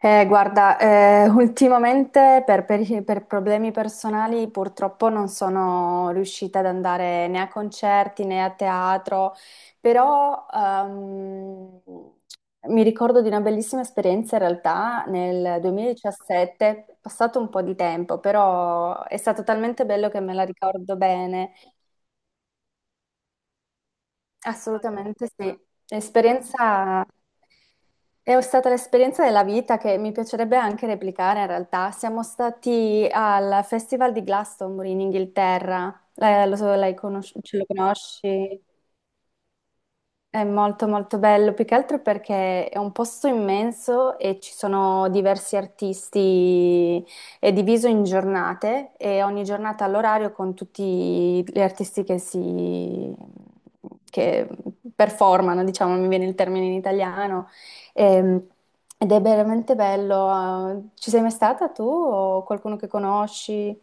Guarda, ultimamente per problemi personali purtroppo non sono riuscita ad andare né a concerti né a teatro, però mi ricordo di una bellissima esperienza in realtà nel 2017, passato un po' di tempo, però è stato talmente bello che me la ricordo bene. Assolutamente sì. L'esperienza è stata l'esperienza della vita che mi piacerebbe anche replicare in realtà. Siamo stati al Festival di Glastonbury in Inghilterra. Lo so, ce lo conosci? È molto molto bello, più che altro perché è un posto immenso e ci sono diversi artisti, è diviso in giornate e ogni giornata all'orario con tutti gli artisti che performano, diciamo, mi viene il termine in italiano. Ehm, Ed è veramente bello. Ci sei mai stata tu o qualcuno che conosci?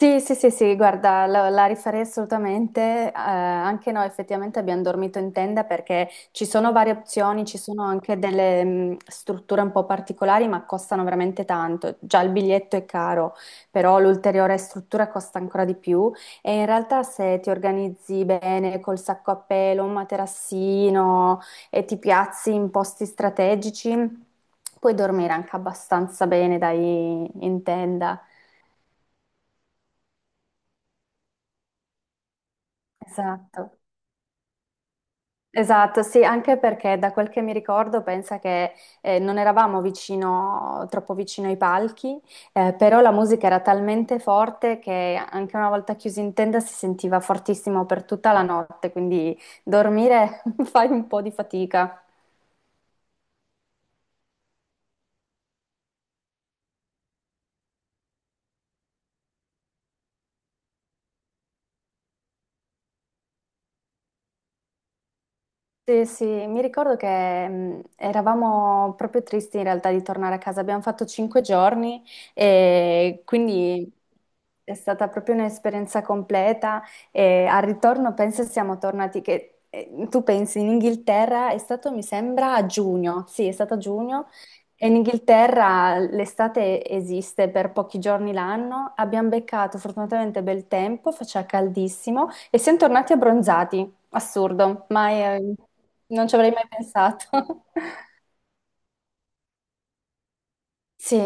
Sì, sì, sì, sì, guarda, la rifarei assolutamente. Anche noi effettivamente abbiamo dormito in tenda perché ci sono varie opzioni, ci sono anche delle strutture un po' particolari, ma costano veramente tanto. Già il biglietto è caro, però l'ulteriore struttura costa ancora di più. E in realtà se ti organizzi bene col sacco a pelo, un materassino e ti piazzi in posti strategici, puoi dormire anche abbastanza bene, dai, in tenda. Esatto. Esatto, sì, anche perché da quel che mi ricordo pensa che non eravamo vicino, troppo vicino ai palchi, però la musica era talmente forte che anche una volta chiusi in tenda si sentiva fortissimo per tutta la notte, quindi dormire fai un po' di fatica. Sì, sì, mi ricordo che eravamo proprio tristi in realtà di tornare a casa. Abbiamo fatto 5 giorni e quindi è stata proprio un'esperienza completa. E al ritorno penso siamo tornati, che tu pensi, in Inghilterra è stato, mi sembra, a giugno. Sì, è stato a giugno. E in Inghilterra l'estate esiste per pochi giorni l'anno. Abbiamo beccato fortunatamente bel tempo, faceva caldissimo e siamo tornati abbronzati. Assurdo, mai, non ci avrei mai pensato. Sì,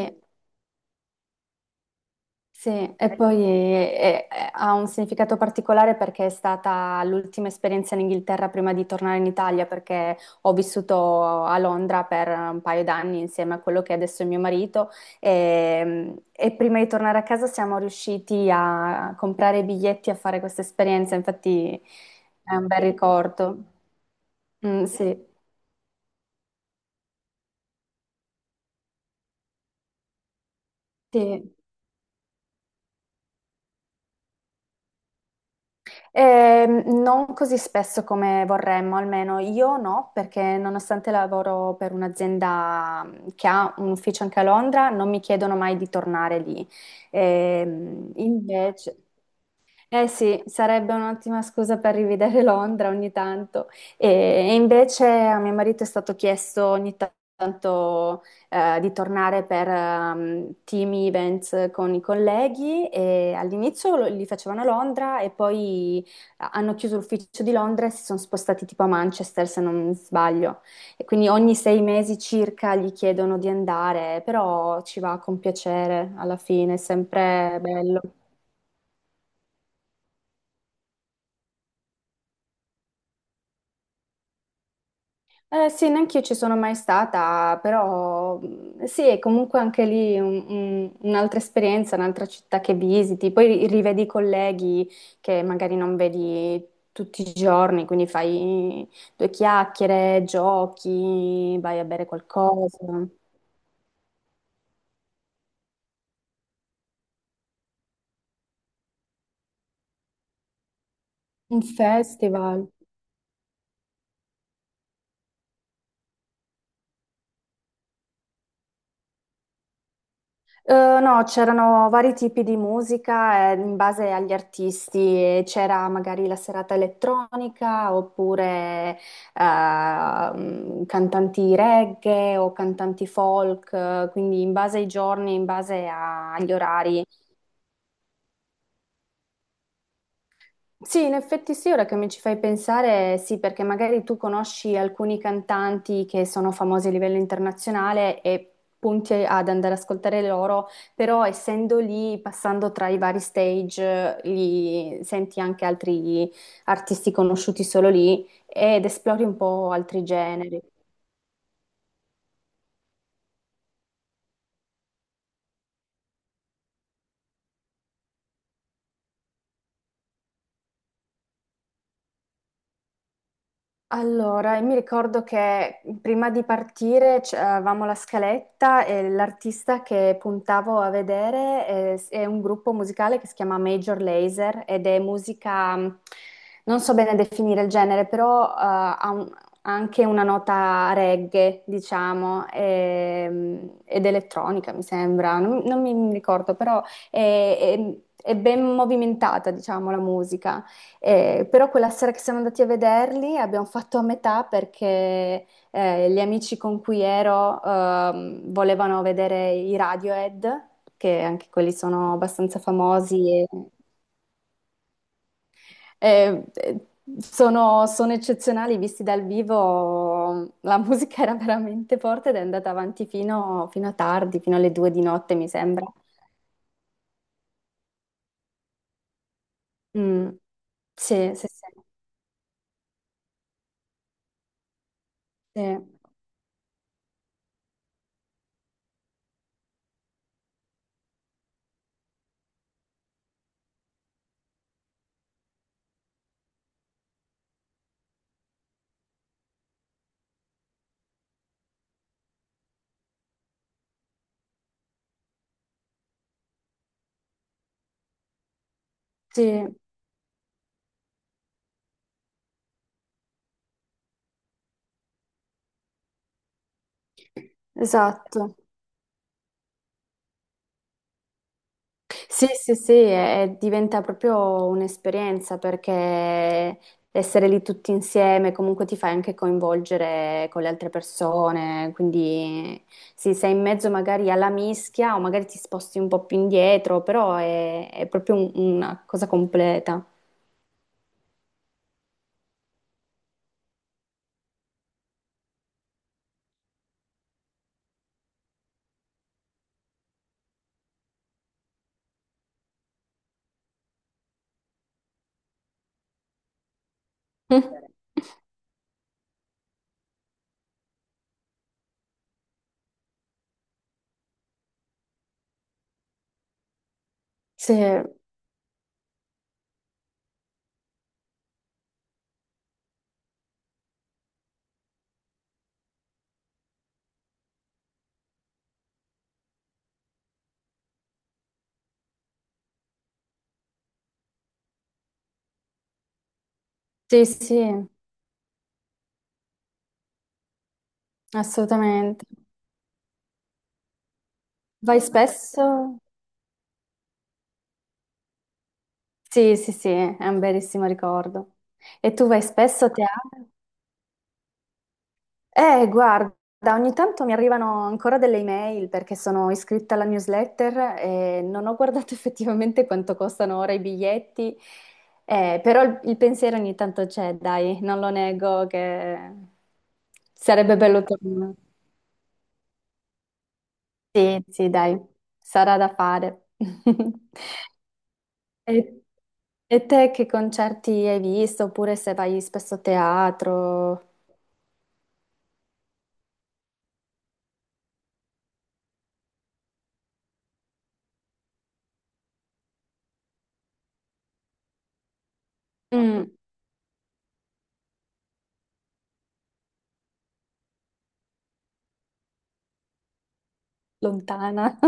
sì, e poi ha un significato particolare perché è stata l'ultima esperienza in Inghilterra prima di tornare in Italia, perché ho vissuto a Londra per un paio d'anni insieme a quello che è adesso è mio marito e prima di tornare a casa siamo riusciti a comprare i biglietti e a fare questa esperienza, infatti è un bel ricordo. Mm, sì, sì. Non così spesso come vorremmo, almeno io no, perché nonostante lavoro per un'azienda che ha un ufficio anche a Londra, non mi chiedono mai di tornare lì. Invece. Eh sì, sarebbe un'ottima scusa per rivedere Londra ogni tanto. E, e invece a mio marito è stato chiesto ogni tanto di tornare per team events con i colleghi e all'inizio li facevano a Londra e poi hanno chiuso l'ufficio di Londra e si sono spostati tipo a Manchester, se non sbaglio. E quindi ogni 6 mesi circa gli chiedono di andare, però ci va con piacere alla fine, è sempre bello. Sì, neanche io ci sono mai stata, però sì, è comunque anche lì un'altra esperienza, un'altra città che visiti, poi rivedi i colleghi che magari non vedi tutti i giorni, quindi fai due chiacchiere, giochi, vai a bere qualcosa, un festival. Eh, no, c'erano vari tipi di musica, in base agli artisti, e c'era magari la serata elettronica oppure cantanti reggae o cantanti folk, quindi in base ai giorni, in base agli orari. Sì, in effetti sì, ora che mi ci fai pensare, sì, perché magari tu conosci alcuni cantanti che sono famosi a livello internazionale e punti ad andare ad ascoltare loro, però essendo lì, passando tra i vari stage, li senti anche altri artisti conosciuti solo lì ed esplori un po' altri generi. Allora, io mi ricordo che prima di partire avevamo la scaletta e l'artista che puntavo a vedere è un gruppo musicale che si chiama Major Lazer ed è musica, non so bene definire il genere, però ha anche una nota reggae, diciamo, e, ed elettronica, mi sembra, non mi ricordo, però è, è è ben movimentata, diciamo, la musica. Però quella sera che siamo andati a vederli abbiamo fatto a metà perché gli amici con cui ero volevano vedere i Radiohead, che anche quelli sono abbastanza famosi e sono eccezionali, visti dal vivo la musica era veramente forte ed è andata avanti fino a tardi, fino alle 2 di notte mi sembra. Mm, sì, sì, sì, sì, sì, esatto. Sì, sì, sì, diventa proprio un'esperienza perché essere lì tutti insieme comunque ti fai anche coinvolgere con le altre persone, quindi sì, sei in mezzo magari alla mischia o magari ti sposti un po' più indietro, però è proprio una cosa completa. Sì, sì, sì, assolutamente. Vai spesso? Sì, sì, sì, è un bellissimo ricordo. E tu vai spesso a teatro? Guarda, ogni tanto mi arrivano ancora delle email perché sono iscritta alla newsletter e non ho guardato effettivamente quanto costano ora i biglietti, però il pensiero ogni tanto c'è, dai, non lo nego che sarebbe bello tornare. Sì, sì, dai, sarà da fare. E, e te che concerti hai visto, oppure se vai spesso a teatro? Mm, lontana.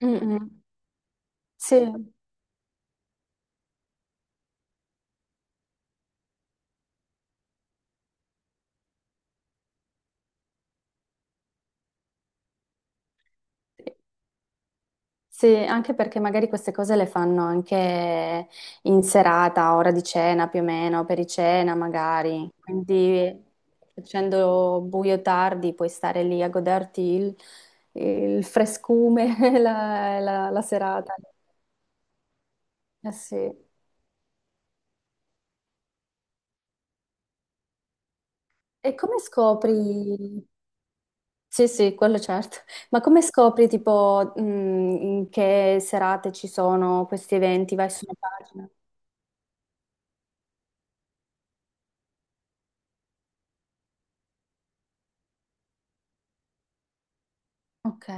Mm, mm. Sì. Sì, anche perché magari queste cose le fanno anche in serata, a ora di cena più o meno, pericena magari. Quindi facendo buio tardi puoi stare lì a goderti il frescume, la serata. Eh sì. E come scopri? Sì, sì, quello certo. Ma come scopri tipo in che serate ci sono questi eventi? Vai su una pagina. Ok.